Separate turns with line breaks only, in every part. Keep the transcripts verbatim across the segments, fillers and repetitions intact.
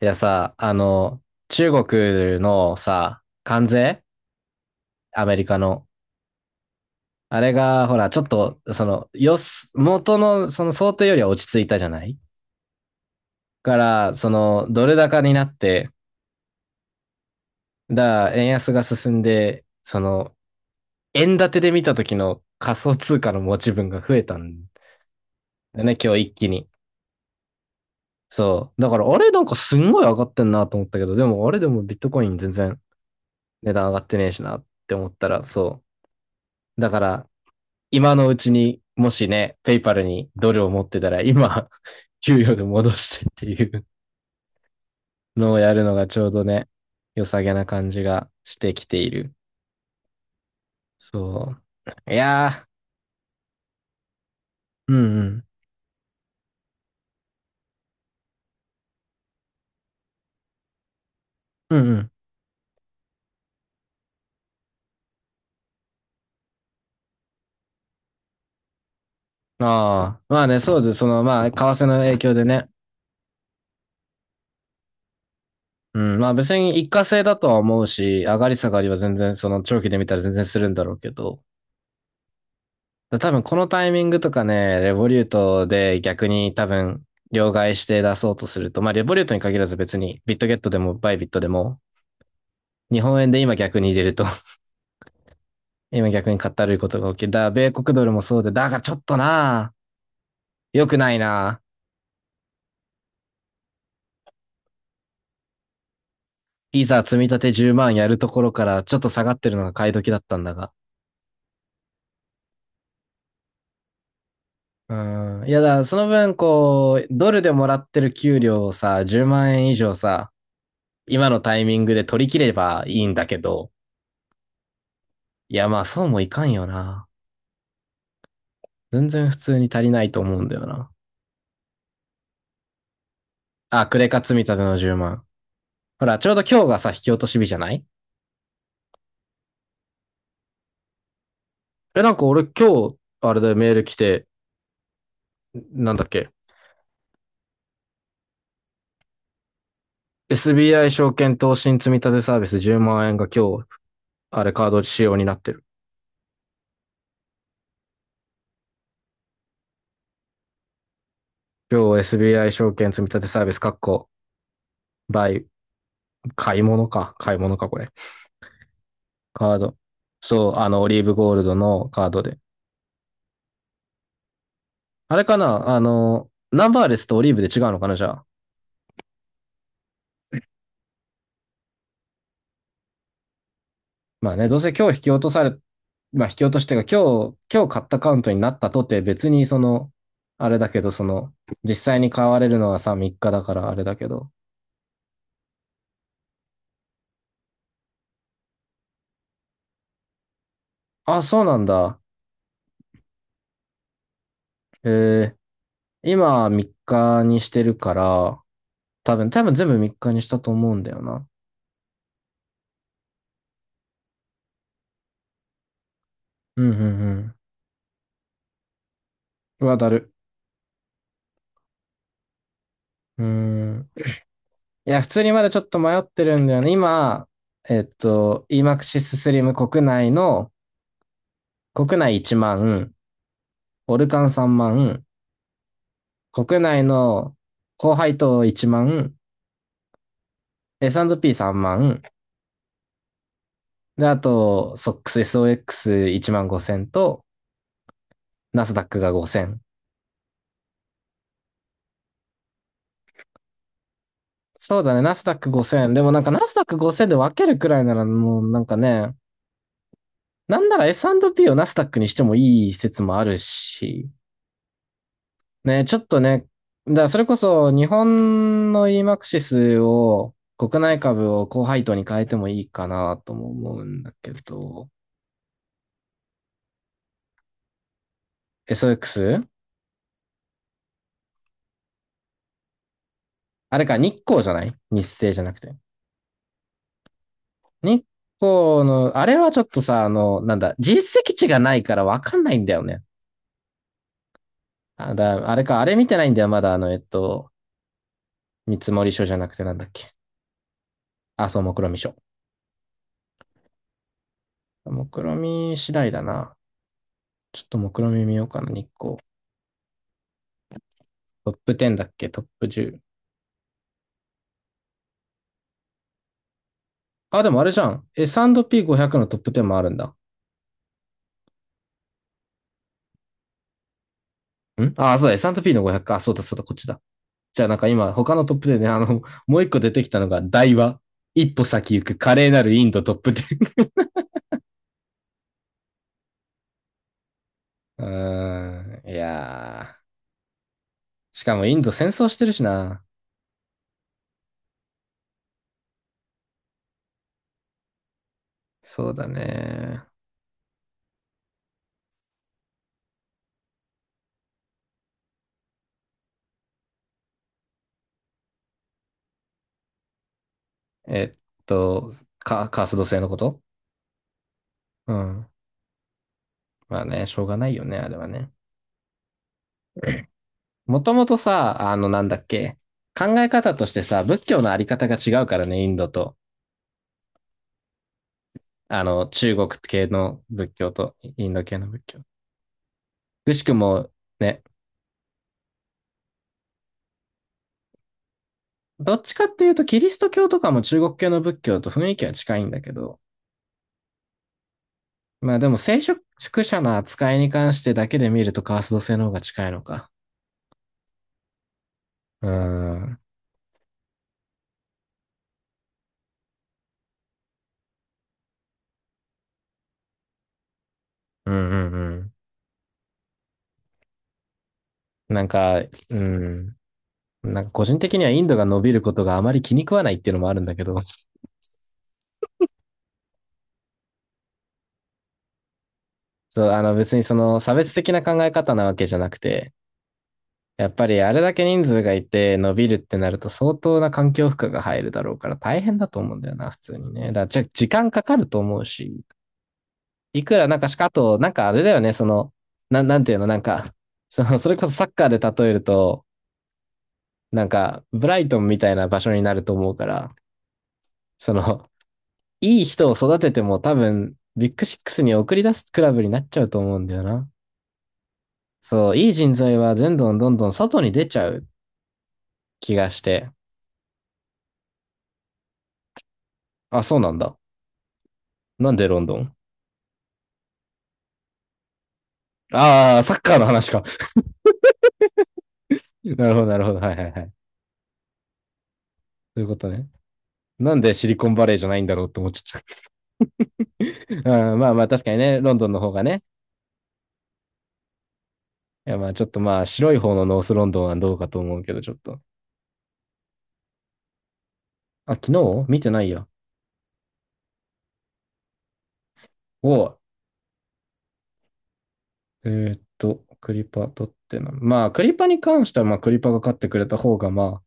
いやさ、あの、中国のさ、関税アメリカの。あれが、ほら、ちょっと、その、よす、元の、その想定よりは落ち着いたじゃない？から、その、ドル高になって、だから、円安が進んで、その、円建てで見た時の仮想通貨の持ち分が増えたんだね、今日一気に。そう。だから、あれ、なんかすんごい上がってんなと思ったけど、でも、あれでもビットコイン全然値段上がってねえしなって思ったら、そう。だから、今のうちに、もしね、ペイパルにドルを持ってたら、今、給与で戻してっていうのをやるのがちょうどね、良さげな感じがしてきている。そう。いやー、うんうん。うんうん。ああ、まあね、そうです。その、まあ、為替の影響でね。うん、まあ別に一過性だとは思うし、上がり下がりは全然、その長期で見たら全然するんだろうけど、だ多分このタイミングとかね、レボリュートで逆に多分両替して出そうとすると、まあレボリュートに限らず別にビットゲットでもバイビットでも、日本円で今逆に入れると、今逆に買ったるいことが起きる。だ、米国ドルもそうで、だがちょっとな、良くないな。いざ積み立てじゅうまんやるところからちょっと下がってるのが買い時だったんだが。うん。いやだ、その分こう、ドルでもらってる給料をさ、じゅうまん円以上さ、今のタイミングで取り切ればいいんだけど、いや、まあ、そうもいかんよな。全然普通に足りないと思うんだよな。あ、クレカ積み立てのじゅうまん。ほら、ちょうど今日がさ、引き落とし日じゃない？え、なんか俺今日、あれだよ、メール来て、なんだっけ。エスビーアイ 証券投資積立サービスじゅうまん円が今日、あれカード仕様になってる。今日 エスビーアイ 証券積立サービス、かっこ、バイ、買い物か。買い物か、これ。カード。そう、あの、オリーブゴールドのカードで。あれかなあの、ナンバーレスとオリーブで違うのかなじゃあ。まあね、どうせ今日引き落とされ、まあ引き落としてが今日、今日買ったカウントになったとて別にその、あれだけど、その、実際に買われるのはさ、みっかだからあれだけど。あ、そうなんだ。えー、今みっかにしてるから、多分、多分全部みっかにしたと思うんだよな。うんうんうん。うわ、だる。うーん。いや、普通にまだちょっと迷ってるんだよね。今、えっと、EMAXIS Slim 国内の、国内いちまん、オルカンさんまん、国内の高配当いちまん、S&ピーさん 万、で、あと、ソックス、ソックスいち 万ごせんと、ナスダックがごせん。そうだね、ナスダックごせん。でもなんかナスダックごせんで分けるくらいならもうなんかね、なんなら エスアンドピー をナスダックにしてもいい説もあるし、ね、ちょっとね、だからそれこそ日本の EMAXIS を国内株を高配当に変えてもいいかなとも思うんだけど、ソックス？ あれか、日光じゃない日生じゃなくて。日光の、あれはちょっとさ、あの、なんだ、実績値がないからわかんないんだよね。あだ、あれか、あれ見てないんだよ、まだ、あの、えっと、見積もり書じゃなくてなんだっけ。あ、そう、目論見書。目論見次第だな。ちょっと目論見見ようかな、日光。トップテンだっけトップテン。あ、でもあれじゃん。S&ピーごひゃく のトップテンもあるんだ。んあ、そうだ、エスアンドピー のごひゃくか。あそうだ、そうだ、こっちだ。じゃあなんか今、他のトップでね、あの、もう一個出てきたのが、台湾。一歩先行く華麗なるインドトップテン。うーん、いやー。しかもインド戦争してるしな。そうだね。えっと、カカースト制のこと。うん。まあね、しょうがないよね、あれはね。もともとさ、あの、なんだっけ。考え方としてさ、仏教のあり方が違うからね、インドと。あの、中国系の仏教とインド系の仏教。くしくもね、どっちかっていうと、キリスト教とかも中国系の仏教と雰囲気は近いんだけど、まあでも聖職者の扱いに関してだけで見るとカースト制の方が近いのか。うーん。うんうんうん。なんか、うん。なんか個人的にはインドが伸びることがあまり気に食わないっていうのもあるんだけど、そう、あの別にその差別的な考え方なわけじゃなくて、やっぱりあれだけ人数がいて伸びるってなると相当な環境負荷が入るだろうから大変だと思うんだよな、普通にね。だからじゃ時間かかると思うし、いくらなんかしか、あと、なんかあれだよね、その、なん、なんていうの、なんか、その、それこそサッカーで例えると、なんか、ブライトンみたいな場所になると思うから、その、いい人を育てても多分、ビッグシックスに送り出すクラブになっちゃうと思うんだよな。そう、いい人材は全どんどんどん外に出ちゃう気がして。あ、そうなんだ。なんでロンドン？ああー、サッカーの話か。なるほど、なるほど。はいはいはい。そういうことね。なんでシリコンバレーじゃないんだろうって思っちゃった。うん、まあまあ確かにね、ロンドンの方がね、いや、まあちょっとまあ白い方のノースロンドンはどうかと思うけど、ちょっと。あ、昨日見てないや。を、えーっと、クリパ取ってな。まあクリパに関しては、まあクリパが勝ってくれた方が、ま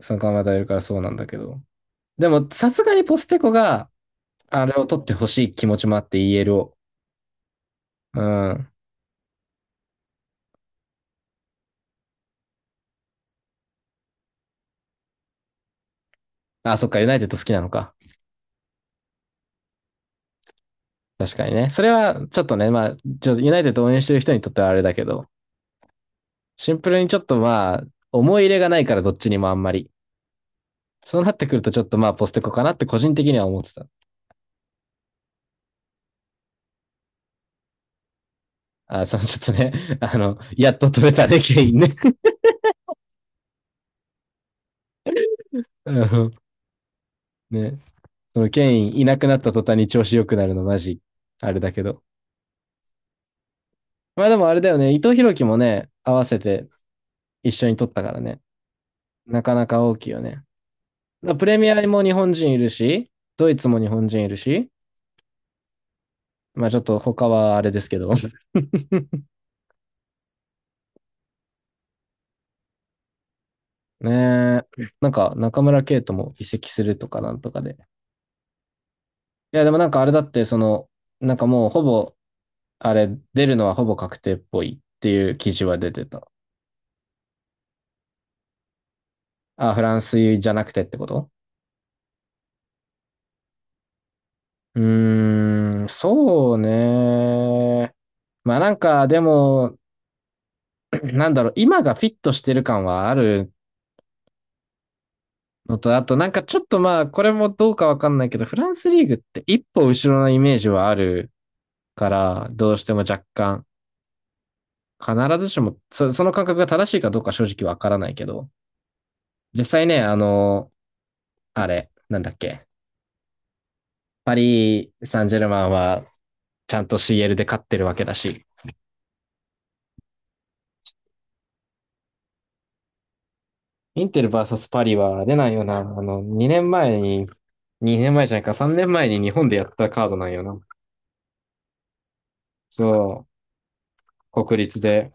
あ、参加まだいるからそうなんだけど。でも、さすがにポステコが、あれを取ってほしい気持ちもあって イーエル を。うん。あ、そっか、ユナイテッド好きなのか。確かにね。それは、ちょっとね、まあ、ちょ、ユナイテッド応援してる人にとってはあれだけど、シンプルにちょっとまあ、思い入れがないからどっちにもあんまり。そうなってくると、ちょっとまあ、ポステコかなって個人的には思ってた。あ、そのちょっとね、あの、やっと取れたね、ケインね。あのね、そのケインいなくなった途端に調子良くなるの、マジ、あれだけど。まあでもあれだよね、伊藤洋樹もね、合わせて一緒に取ったからね。なかなか大きいよね。プレミアにも日本人いるし、ドイツも日本人いるし、まあちょっと他はあれですけど。ねえ、なんか中村圭とも移籍するとかなんとかで。いや、でもなんかあれだって、その、なんかもうほぼあれ、出るのはほぼ確定っぽいっていう記事は出てた。あ、フランスじゃなくてってこと？うーん、そうね。まあなんか、でも、なんだろう、今がフィットしてる感はあるのと、あとなんかちょっとまあ、これもどうかわかんないけど、フランスリーグって一歩後ろのイメージはあるから、どうしても若干、必ずしも、そ、その感覚が正しいかどうか正直わからないけど、実際ね、あの、あれ、なんだっけ、パリ・サンジェルマンは、ちゃんと シーエル で勝ってるわけだし、インテルサスパリは出ないよな。あの、2年前に、にねんまえじゃないか、さんねんまえに日本でやったカードなんよな。そう、国立で、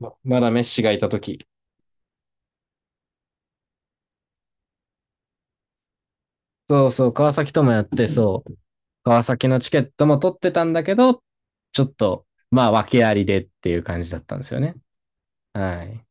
ままだメッシがいたとき。そうそう、川崎ともやって、そう、川崎のチケットも取ってたんだけど、ちょっと、まあ、訳ありでっていう感じだったんですよね。はい。